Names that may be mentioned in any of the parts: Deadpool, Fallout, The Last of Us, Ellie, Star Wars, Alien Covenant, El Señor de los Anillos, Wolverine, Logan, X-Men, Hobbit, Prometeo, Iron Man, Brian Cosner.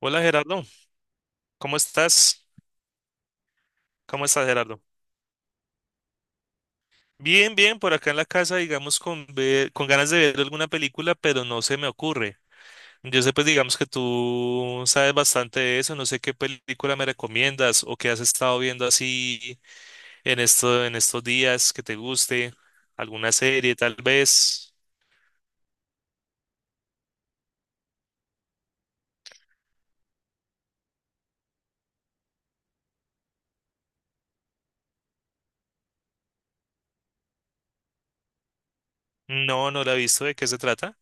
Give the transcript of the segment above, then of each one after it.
Hola Gerardo, ¿cómo estás? ¿Cómo estás Gerardo? Bien, bien, por acá en la casa, digamos, con ganas de ver alguna película, pero no se me ocurre. Yo sé, pues, digamos que tú sabes bastante de eso, no sé qué película me recomiendas o qué has estado viendo así en esto, en estos días que te guste, alguna serie tal vez. No, no la he visto, ¿de qué se trata?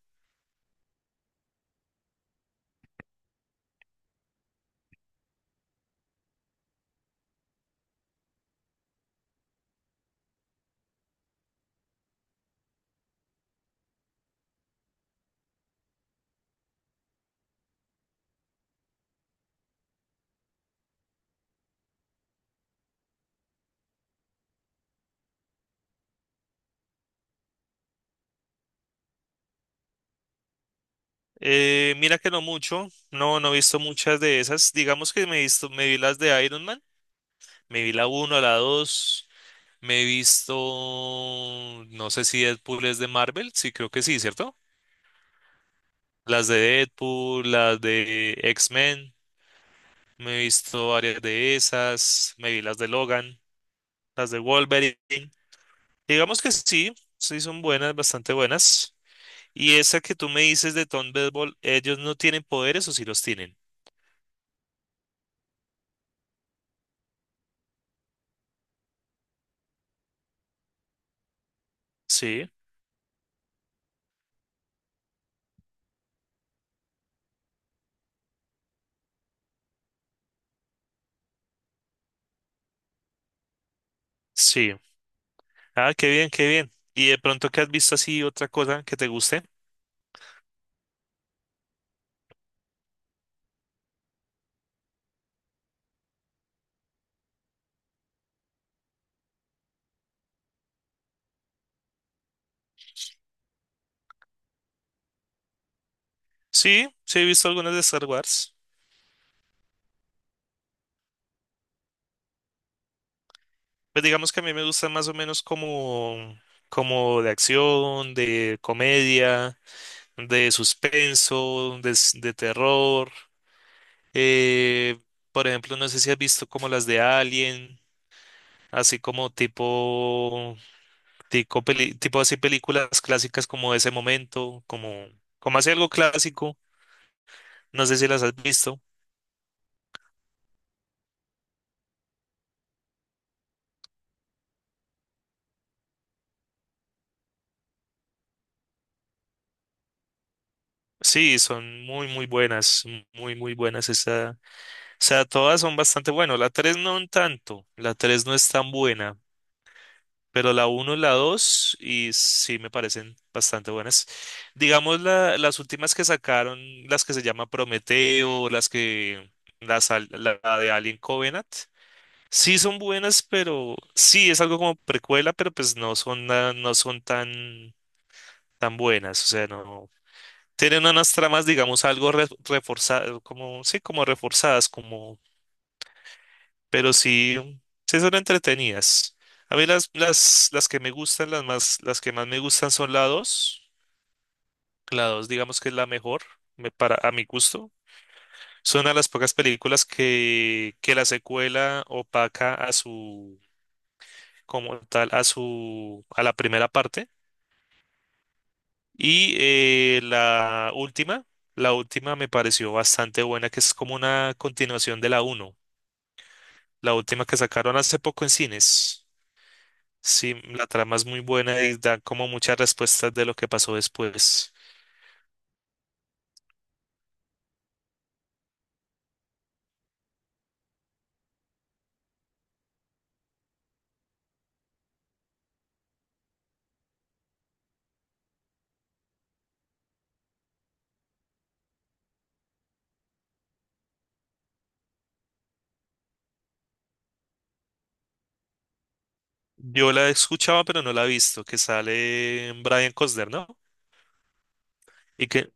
Mira que no mucho, no, no he visto muchas de esas. Digamos que me he visto, me vi las de Iron Man, me vi la 1, la 2. Me he visto, no sé si Deadpool es de Marvel, sí creo que sí, ¿cierto? Las de Deadpool, las de X-Men, me he visto varias de esas, me vi las de Logan, las de Wolverine. Digamos que sí, sí son buenas, bastante buenas. Y esa que tú me dices de Tom Thunderbolt, ¿ellos no tienen poderes o sí los tienen? Sí, sí. Ah, qué bien, qué bien. ¿Y de pronto qué has visto así otra cosa que te guste? Sí, sí he visto algunas de Star Wars. Pues digamos que a mí me gustan más o menos como, como de acción, de comedia, de suspenso, de terror. Eh, por ejemplo, no sé si has visto como las de Alien, así como tipo, tipo así películas clásicas como ese momento, como, como así algo clásico. No sé si las has visto. Sí, son muy, muy buenas, muy, muy buenas. Esa, o sea, todas son bastante buenas. La 3 no un tanto, la 3 no es tan buena. Pero la uno y la 2 y sí me parecen bastante buenas. Digamos, las últimas que sacaron, las que se llama Prometeo, las que, las, al- la de Alien Covenant, sí son buenas, pero sí es algo como precuela, pero pues no son, no son tan, tan buenas. O sea, no tienen unas tramas, digamos, reforzadas, como, sí, como reforzadas, pero sí, sí son entretenidas. A mí las que me gustan, las más, las que más me gustan son la 2. La 2, digamos que es la mejor, para, a mi gusto. Son a las pocas películas que la secuela opaca a su, como tal, a su, a la primera parte. Y la última me pareció bastante buena, que es como una continuación de la uno, la última que sacaron hace poco en cines. Sí, la trama es muy buena y da como muchas respuestas de lo que pasó después. Yo la he escuchado, pero no la he visto, que sale Brian Cosner, ¿no? Y que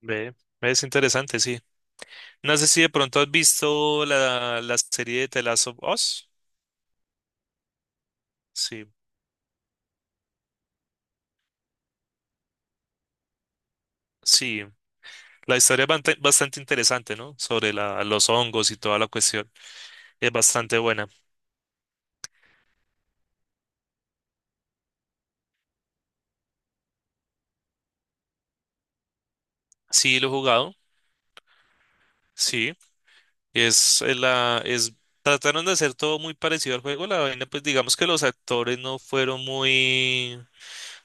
ve, es interesante, sí. No sé si de pronto has visto la serie de The Last of Us. Sí, sí. La historia es bastante interesante, ¿no? Sobre la, los hongos y toda la cuestión. Es bastante buena. Sí, lo he jugado. Sí. Es, eh, la, es, Trataron de hacer todo muy parecido al juego. La vaina, pues digamos que los actores no fueron muy,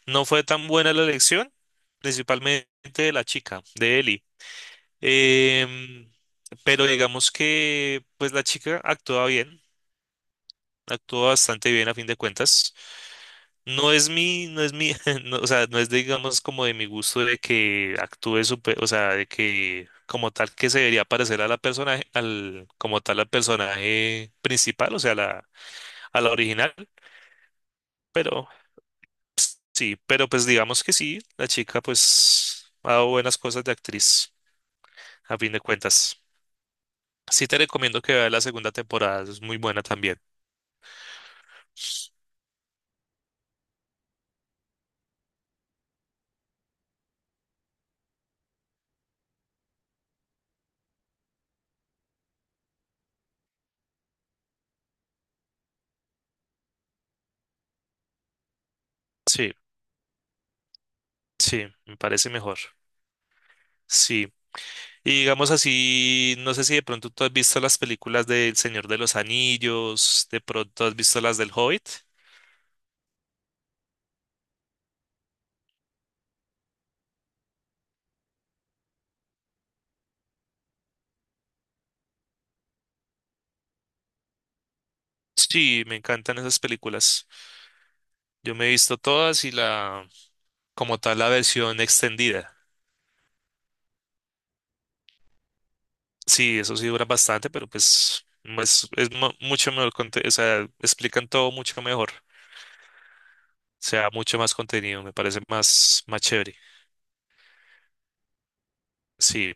no fue tan buena la elección, principalmente de la chica, de Ellie. Em, pero digamos que, pues la chica actuaba bien, actuó bastante bien a fin de cuentas. No es mi, no es mi, no, o sea, no es digamos como de mi gusto de que actúe súper, o sea, de que como tal que se debería parecer a la personaje, al, como tal al personaje principal, o sea, la, a la original, pero sí, pero pues digamos que sí, la chica pues ha dado buenas cosas de actriz, a fin de cuentas. Sí te recomiendo que veas la segunda temporada, es muy buena también. Sí, sí, me parece mejor. Sí. Y digamos así, no sé si de pronto tú has visto las películas de El Señor de los Anillos, de pronto has visto las del Hobbit. Sí, me encantan esas películas. Yo me he visto todas y como tal, la versión extendida. Sí, eso sí dura bastante, pero pues es mucho mejor, o sea, explican todo mucho mejor. O sea, mucho más contenido, me parece más, más chévere. Sí.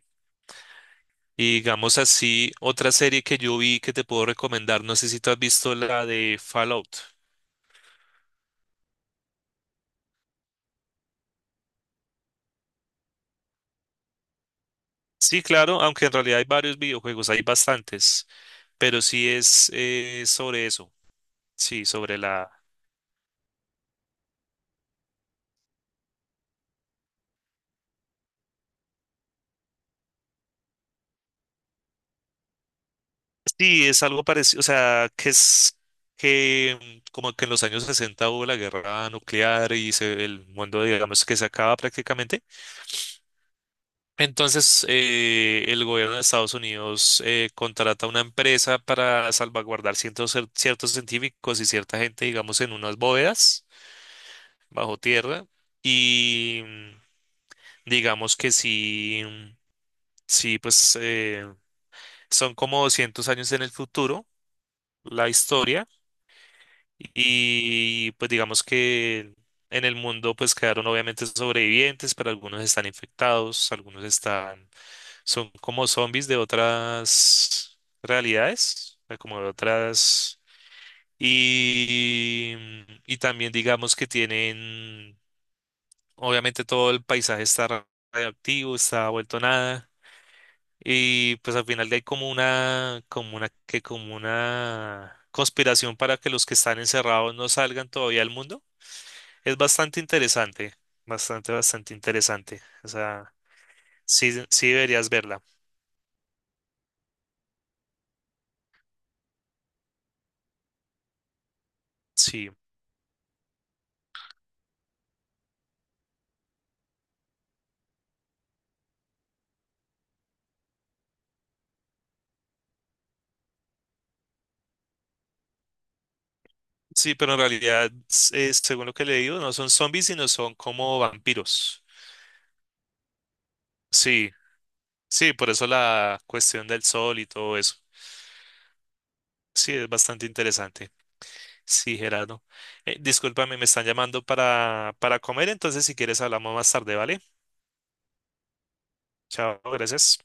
Y digamos así, otra serie que yo vi que te puedo recomendar, no sé si tú has visto la de Fallout. Sí, claro, aunque en realidad hay varios videojuegos, hay bastantes, pero sí es sobre eso, sí, sobre la... Sí, es algo parecido, o sea, que es que como que en los años 60 hubo la guerra nuclear y el mundo, digamos, que se acaba prácticamente. Entonces, el gobierno de Estados Unidos contrata una empresa para salvaguardar ciertos científicos y cierta gente, digamos, en unas bóvedas bajo tierra. Y digamos que sí, sí, pues son como 200 años en el futuro la historia y pues digamos que en el mundo pues quedaron obviamente sobrevivientes, pero algunos están infectados, algunos están, son como zombies de otras realidades, o sea, como de otras y, y también digamos que tienen, obviamente todo el paisaje está radioactivo, está vuelto nada. Y pues al final hay como una, que como una conspiración para que los que están encerrados no salgan todavía al mundo. Es bastante interesante, bastante, bastante interesante. O sea, sí, sí deberías verla. Sí, sí, pero en realidad, según lo que le digo, no son zombies, sino son como vampiros. Sí, sí, por eso la cuestión del sol y todo eso. Sí, es bastante interesante. Sí, Gerardo. Discúlpame, me están llamando para comer, entonces si quieres hablamos más tarde, ¿vale? Chao, gracias.